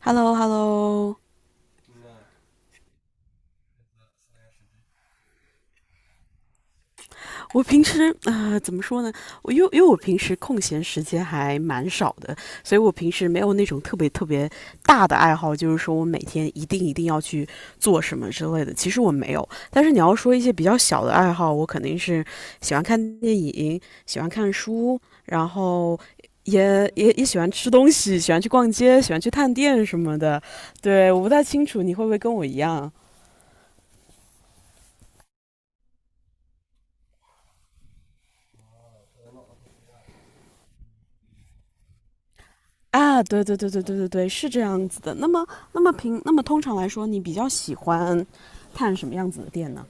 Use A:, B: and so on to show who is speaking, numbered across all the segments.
A: h e l l o Hello。 我平时啊怎么说呢？我因为因为我平时空闲时间还蛮少的，所以我平时没有那种特别大的爱好，就是说我每天一定要去做什么之类的。其实我没有，但是你要说一些比较小的爱好，我肯定是喜欢看电影，喜欢看书，然后。也喜欢吃东西，喜欢去逛街，喜欢去探店什么的。对，我不太清楚你会不会跟我一样。啊，对对对对对对对，是这样子的。那么，那么平，那么通常来说，你比较喜欢看什么样子的店呢？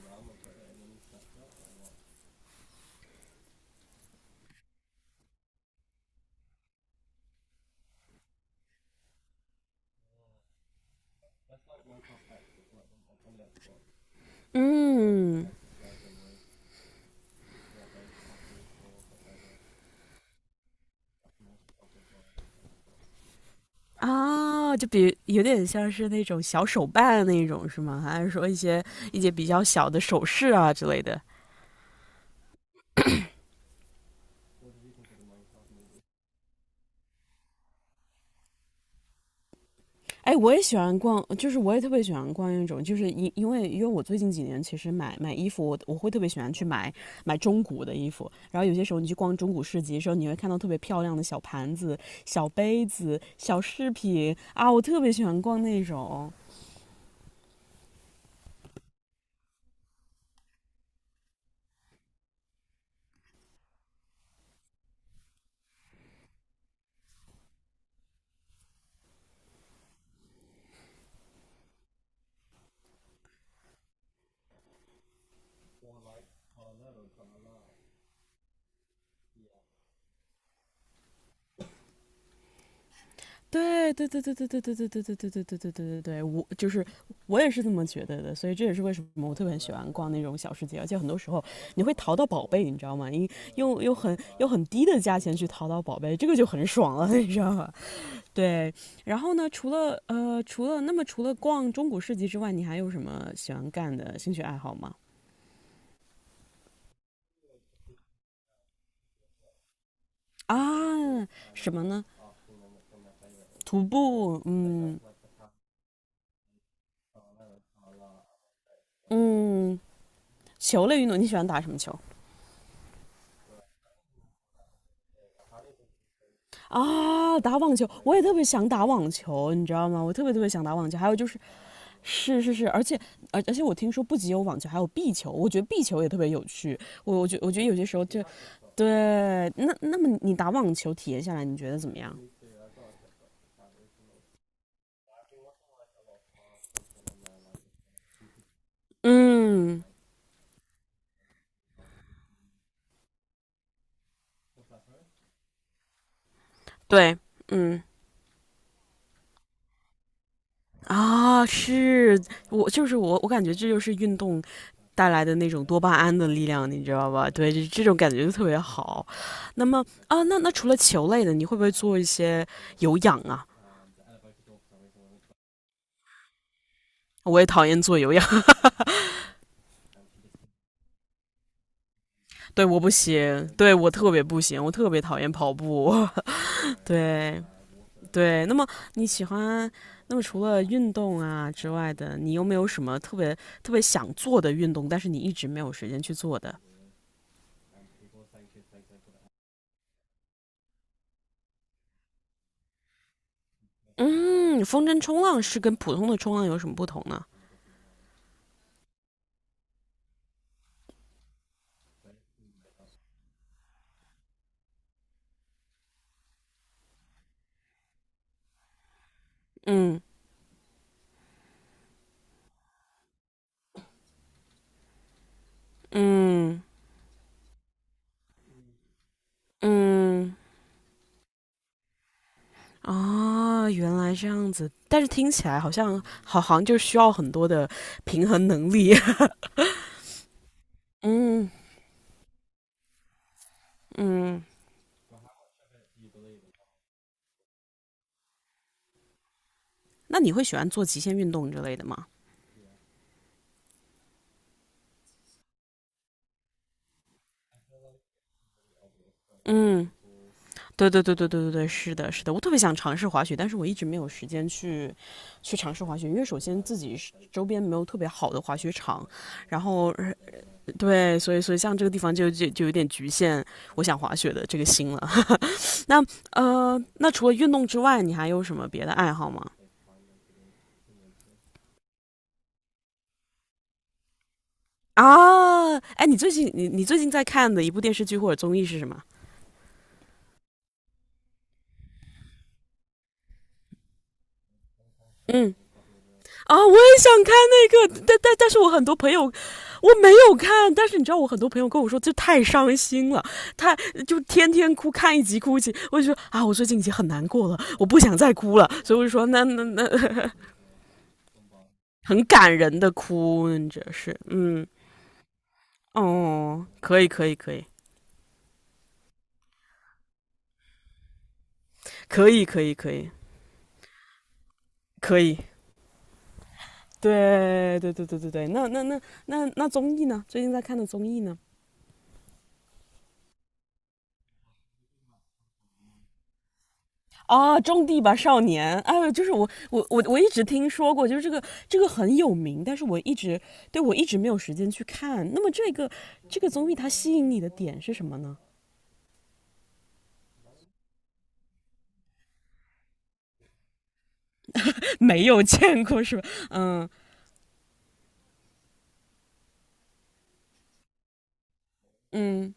A: 嗯，啊，就比有点像是那种小手办那种是吗？还是说一些比较小的首饰啊之类的？哎，我也喜欢逛，就是我也特别喜欢逛那种，就是因为我最近几年其实买衣服，我会特别喜欢去买中古的衣服，然后有些时候你去逛中古市集的时候，你会看到特别漂亮的小盘子、小杯子、小饰品啊，我特别喜欢逛那种。对对对对对对对对对对对对对对对对，我也是这么觉得的，所以这也是为什么我特别喜欢逛那种小世界，而且很多时候你会淘到宝贝，你知道吗？因用用很用很低的价钱去淘到宝贝，这个就很爽了，你知道吧？对，然后呢，除了逛中古市集之外，你还有什么喜欢干的兴趣爱好吗？啊，什么呢？徒步，嗯嗯，球类运动，你喜欢打什么球？啊，打网球，我也特别想打网球，你知道吗？我特别想打网球。还有就是，是是是，而且而且我听说不仅有网球，还有壁球，我觉得壁球也特别有趣。我觉得有些时候就，对，那么你打网球体验下来，你觉得怎么样？嗯，对，嗯。啊，是我就是我，我感觉这就是运动带来的那种多巴胺的力量，你知道吧？对，这种感觉就特别好。那么啊，那除了球类的，你会不会做一些有氧啊？我也讨厌做有氧，对，我不行，对我特别不行，我特别讨厌跑步。对对，那么你喜欢，那么除了运动啊之外的，你有没有什么特别想做的运动，但是你一直没有时间去做的？嗯，风筝冲浪是跟普通的冲浪有什么不同呢？嗯嗯嗯啊，原来这样子，但是听起来好像好，好像就需要很多的平衡能力。嗯嗯，那你会喜欢做极限运动之类的吗？嗯，对对对对对对对，是的，是的，我特别想尝试滑雪，但是我一直没有时间去尝试滑雪，因为首先自己是周边没有特别好的滑雪场，然后对，所以像这个地方就有点局限我想滑雪的这个心了。那，那除了运动之外，你还有什么别的爱好吗？啊，哎，你最近在看的一部电视剧或者综艺是什么？嗯，啊，我也想看那个，但是我很多朋友我没有看，但是你知道我很多朋友跟我说，这太伤心了，太就天天哭，看一集哭一集，我就说啊，我最近已经很难过了，我不想再哭了，所以我就说那 很感人的哭，你这是嗯哦，可以可以可以可以，对对对对对对，那综艺呢？最近在看的综艺呢？啊，《种地吧少年》！哎呦就是我一直听说过，就是这个很有名，但是我一直对我一直没有时间去看。那么这个综艺它吸引你的点是什么呢？没有见过是吧？嗯嗯，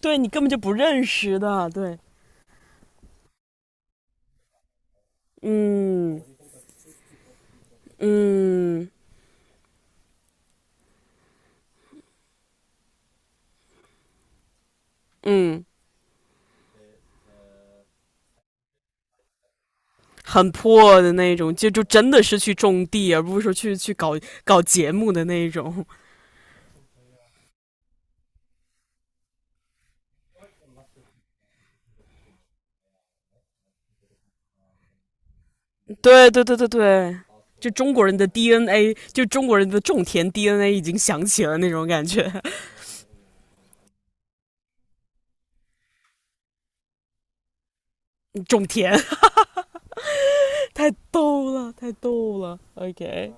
A: 对你根本就不认识的，对，嗯嗯嗯，很破的那种，就真的是去种地，而不是说去搞搞节目的那种。对对对对对，就中国人的 DNA，就中国人的种田 DNA 已经响起了那种感觉。种田太逗了，太逗了。OK，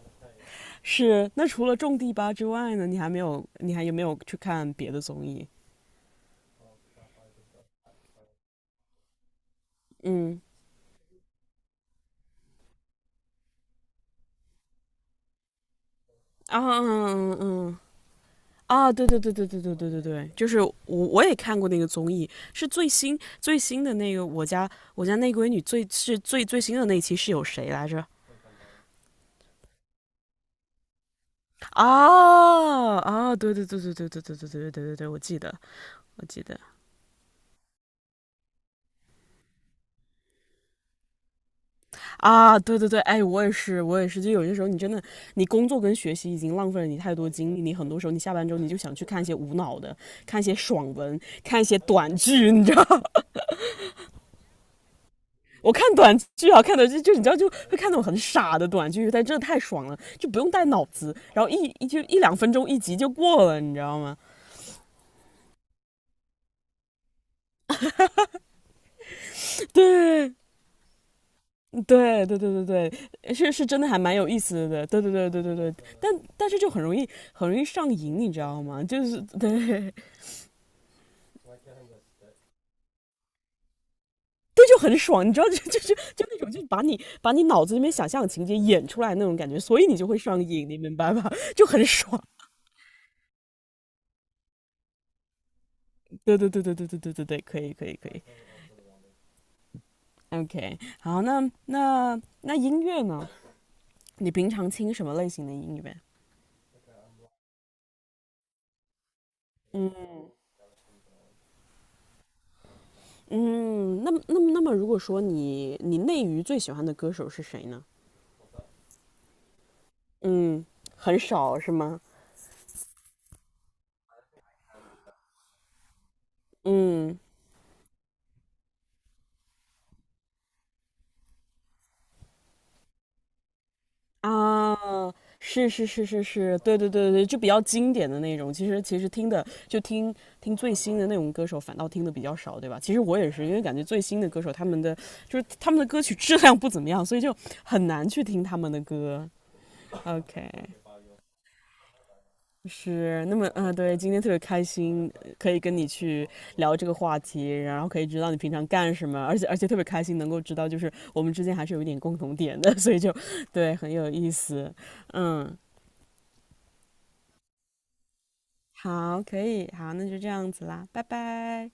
A: 是。那除了种地吧之外呢，你还没有，你还有没有去看别的综艺？嗯啊嗯嗯嗯嗯啊，对对对对对对对对对，就是我也看过那个综艺，是最新的那个我家那闺女最是最最新的那一期是有谁来着？啊啊，对对对对对对对对对对对对，我记得，我记得啊，对对对，哎，我也是，我也是，就有些时候你真的，你工作跟学习已经浪费了你太多精力，你很多时候你下班之后你就想去看一些无脑的，看一些爽文，看一些短剧，你知道吗？我看短剧啊，看短剧就你知道就会看那种很傻的短剧，但真的太爽了，就不用带脑子，然后一就一两分钟一集就过了，你知道吗？对，对对对对对，是是真的还蛮有意思的，对对对对对对，但但是就很容易上瘾，你知道吗？就是就很爽，你知道就那种就是把你脑子里面想象的情节演出来那种感觉，所以你就会上瘾，你明白吧？就很爽。对对对对对对对对对，可以可以可以，OK，好，那音乐呢？你平常听什么类型的音乐？嗯嗯，那么，如果说你内娱最喜欢的歌手是谁呢？嗯，很少是吗？嗯啊，是是是是是，对对对对，就比较经典的那种。其实听的就听听最新的那种歌手，反倒听的比较少，对吧？其实我也是，因为感觉最新的歌手他们的就是他们的歌曲质量不怎么样，所以就很难去听他们的歌。OK，是那么啊、对，今天特别开心，可以跟你去聊这个话题，然后可以知道你平常干什么，而且特别开心能够知道，就是我们之间还是有一点共同点的，所以就对很有意思。嗯，好，可以，好，那就这样子啦，拜拜。